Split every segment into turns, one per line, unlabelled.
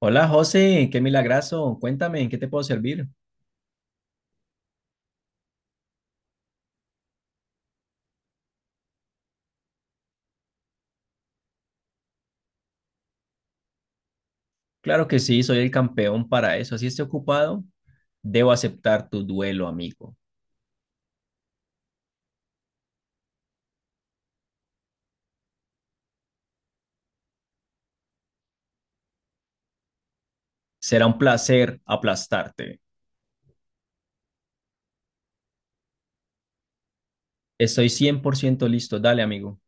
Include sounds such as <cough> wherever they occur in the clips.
Hola José, qué milagrazo. Cuéntame, ¿en qué te puedo servir? Claro que sí, soy el campeón para eso. Así esté ocupado, debo aceptar tu duelo, amigo. Será un placer aplastarte. Estoy 100% listo. Dale, amigo.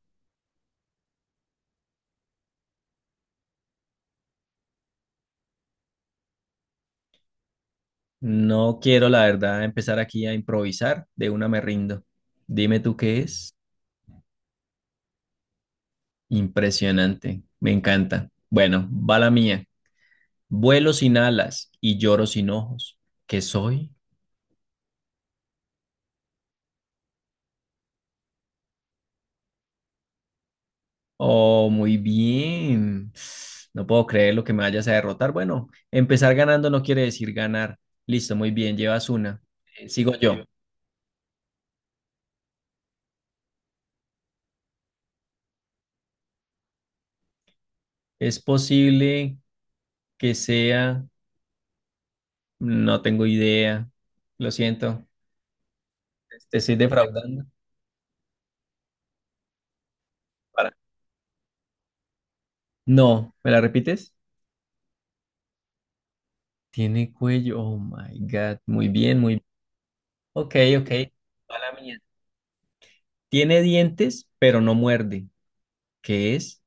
No quiero, la verdad, empezar aquí a improvisar. De una me rindo. Dime tú qué es. Impresionante. Me encanta. Bueno, va la mía. Vuelo sin alas y lloro sin ojos. ¿Qué soy? Oh, muy bien. No puedo creer lo que me vayas a derrotar. Bueno, empezar ganando no quiere decir ganar. Listo, muy bien, llevas una. Sigo yo. Es posible que sea, no tengo idea. Lo siento. Te estoy defraudando. Para. No, ¿me la repites? Tiene cuello. Oh my God. Muy bien, muy bien. Ok, ok. Mala mía. Tiene dientes, pero no muerde. ¿Qué es?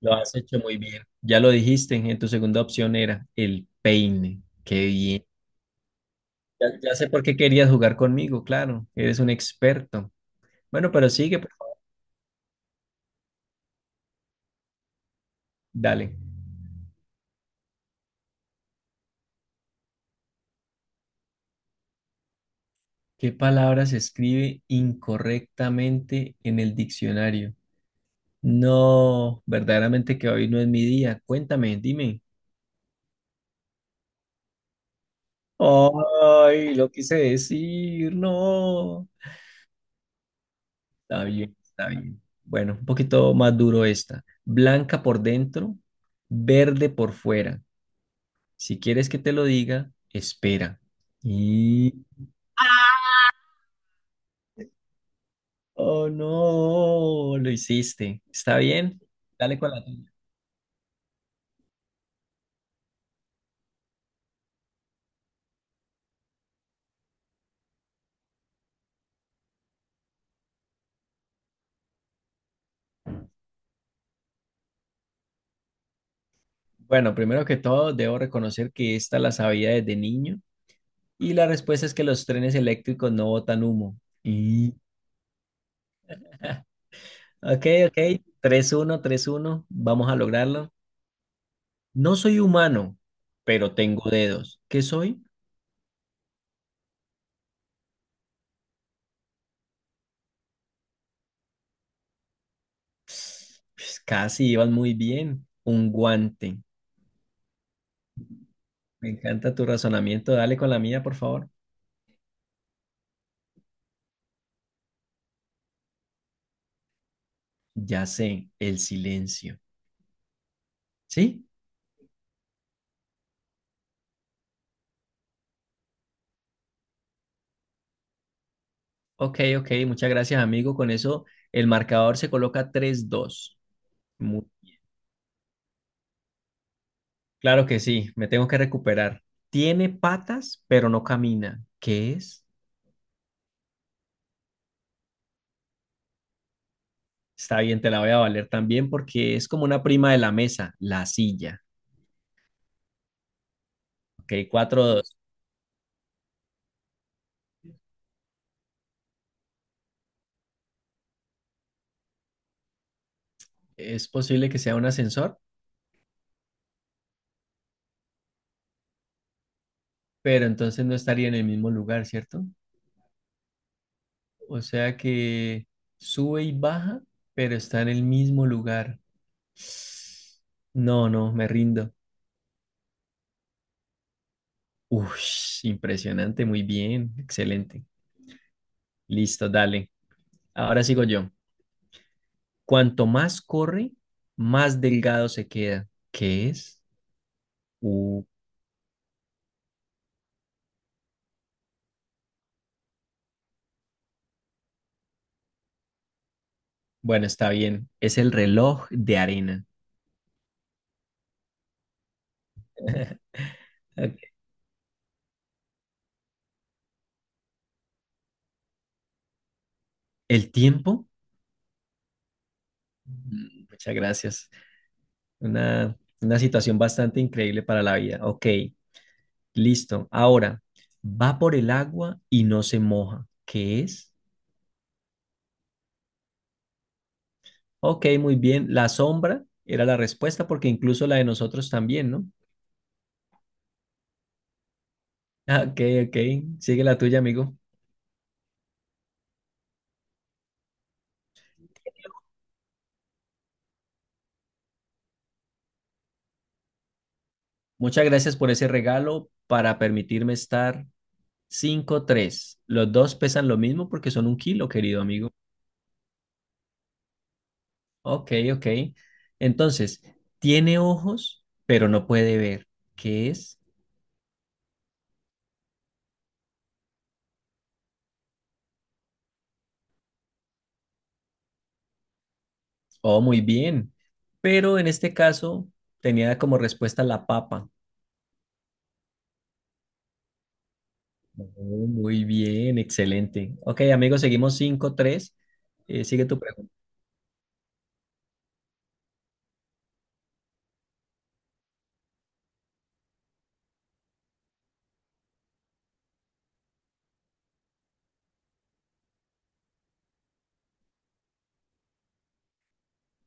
Lo has hecho muy bien. Ya lo dijiste, en tu segunda opción era el peine. Qué bien. Ya, ya sé por qué querías jugar conmigo, claro. Eres un experto. Bueno, pero sigue, por favor. Dale. ¿Qué palabra se escribe incorrectamente en el diccionario? No, verdaderamente que hoy no es mi día. Cuéntame, dime. Ay, lo quise decir, no. Está bien, está bien. Bueno, un poquito más duro esta. Blanca por dentro, verde por fuera. Si quieres que te lo diga, espera. Y... Oh, no, lo hiciste. ¿Está bien? Dale con la tuya. Bueno, primero que todo, debo reconocer que esta la sabía desde niño. Y la respuesta es que los trenes eléctricos no botan humo. Y... Ok, ok. 3-1, 3-1. Vamos a lograrlo. No soy humano, pero tengo dedos. ¿Qué soy? Pues casi ibas muy bien. Un guante. Me encanta tu razonamiento. Dale con la mía, por favor. Ya sé, el silencio. ¿Sí? Ok, ok. Muchas gracias, amigo. Con eso, el marcador se coloca 3-2. Mu- Claro que sí, me tengo que recuperar. Tiene patas, pero no camina. ¿Qué es? Está bien, te la voy a valer también porque es como una prima de la mesa, la silla. Ok, 4-2. Es posible que sea un ascensor, pero entonces no estaría en el mismo lugar, ¿cierto? O sea que sube y baja, pero está en el mismo lugar. No, no, me rindo. Ush, impresionante, muy bien, excelente. Listo, dale. Ahora sigo yo. Cuanto más corre, más delgado se queda. ¿Qué es? Uh, bueno, está bien. Es el reloj de arena. <laughs> Ok. ¿El tiempo? Muchas gracias. Una, una situación bastante increíble para la vida. Ok. Listo. Ahora, va por el agua y no se moja. ¿Qué es? Ok, muy bien. La sombra era la respuesta porque incluso la de nosotros también, ¿no? Ah, Ok, ok. Sigue la tuya, amigo. Muchas gracias por ese regalo para permitirme estar 5-3. Los dos pesan lo mismo porque son un kilo, querido amigo. Ok, ok. Entonces, tiene ojos, pero no puede ver. ¿Qué es? Oh, muy bien. Pero en este caso tenía como respuesta la papa. Oh, muy bien, excelente. Ok, amigos, seguimos 5-3. Sigue tu pregunta.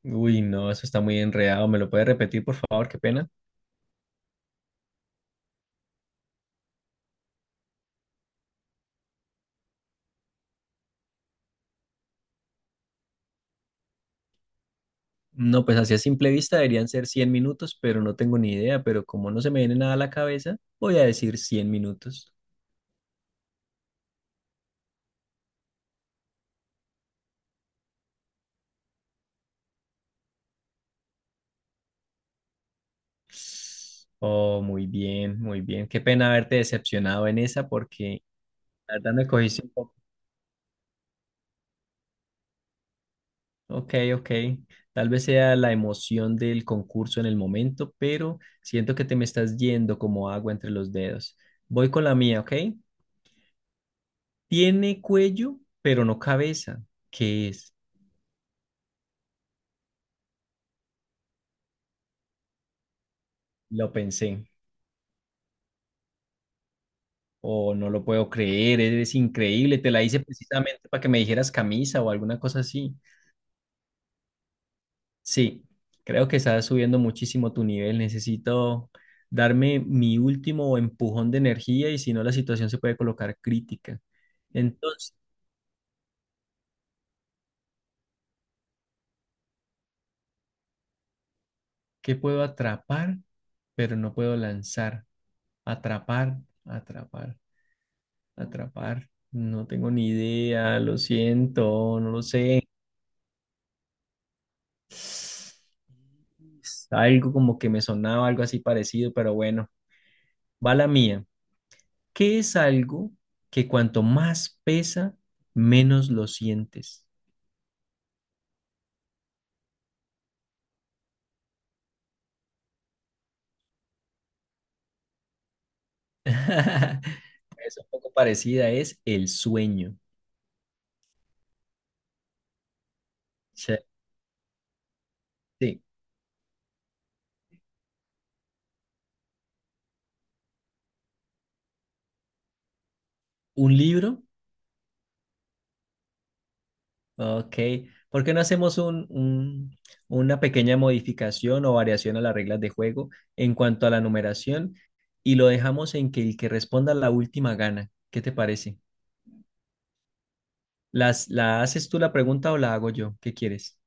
Uy, no, eso está muy enredado. ¿Me lo puedes repetir, por favor? Qué pena. No, pues así a simple vista deberían ser 100 minutos, pero no tengo ni idea. Pero como no se me viene nada a la cabeza, voy a decir 100 minutos. Oh, muy bien, muy bien. Qué pena haberte decepcionado en esa porque la verdad me cogiste. Ok, ok. Tal vez sea la emoción del concurso en el momento, pero siento que te me estás yendo como agua entre los dedos. Voy con la mía, ¿ok? Tiene cuello, pero no cabeza. ¿Qué es? Lo pensé. Oh, no lo puedo creer, eres increíble. Te la hice precisamente para que me dijeras camisa o alguna cosa así. Sí, creo que estás subiendo muchísimo tu nivel. Necesito darme mi último empujón de energía y si no, la situación se puede colocar crítica. Entonces... que puedo atrapar, pero no puedo lanzar. Atrapar, atrapar, atrapar. No tengo ni idea, lo siento, no lo sé. Algo como que me sonaba algo así parecido, pero bueno, va la mía. ¿Qué es algo que cuanto más pesa, menos lo sientes? <laughs> Es un poco parecida, es el sueño. O sea, sí, un libro. Ok, ¿por qué no hacemos una pequeña modificación o variación a las reglas de juego en cuanto a la numeración y lo dejamos en que el que responda la última gana? ¿Qué te parece? ¿La haces tú la pregunta o la hago yo? ¿Qué quieres?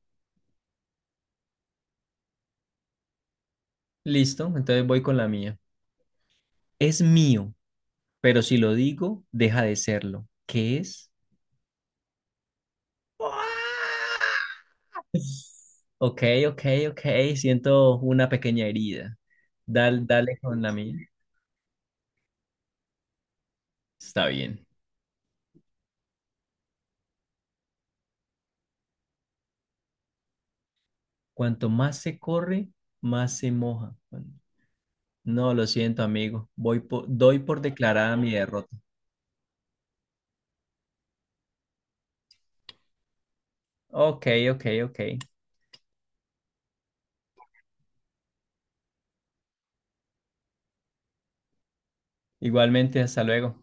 Listo, entonces voy con la mía. Es mío, pero si lo digo, deja de serlo. ¿Qué es? Ok, ok, ok, siento una pequeña herida. Dale con la mía. Está bien. Cuanto más se corre, más se moja. No, lo siento, amigo. Doy por declarada mi derrota. Ok, ok, ok. Igualmente, hasta luego.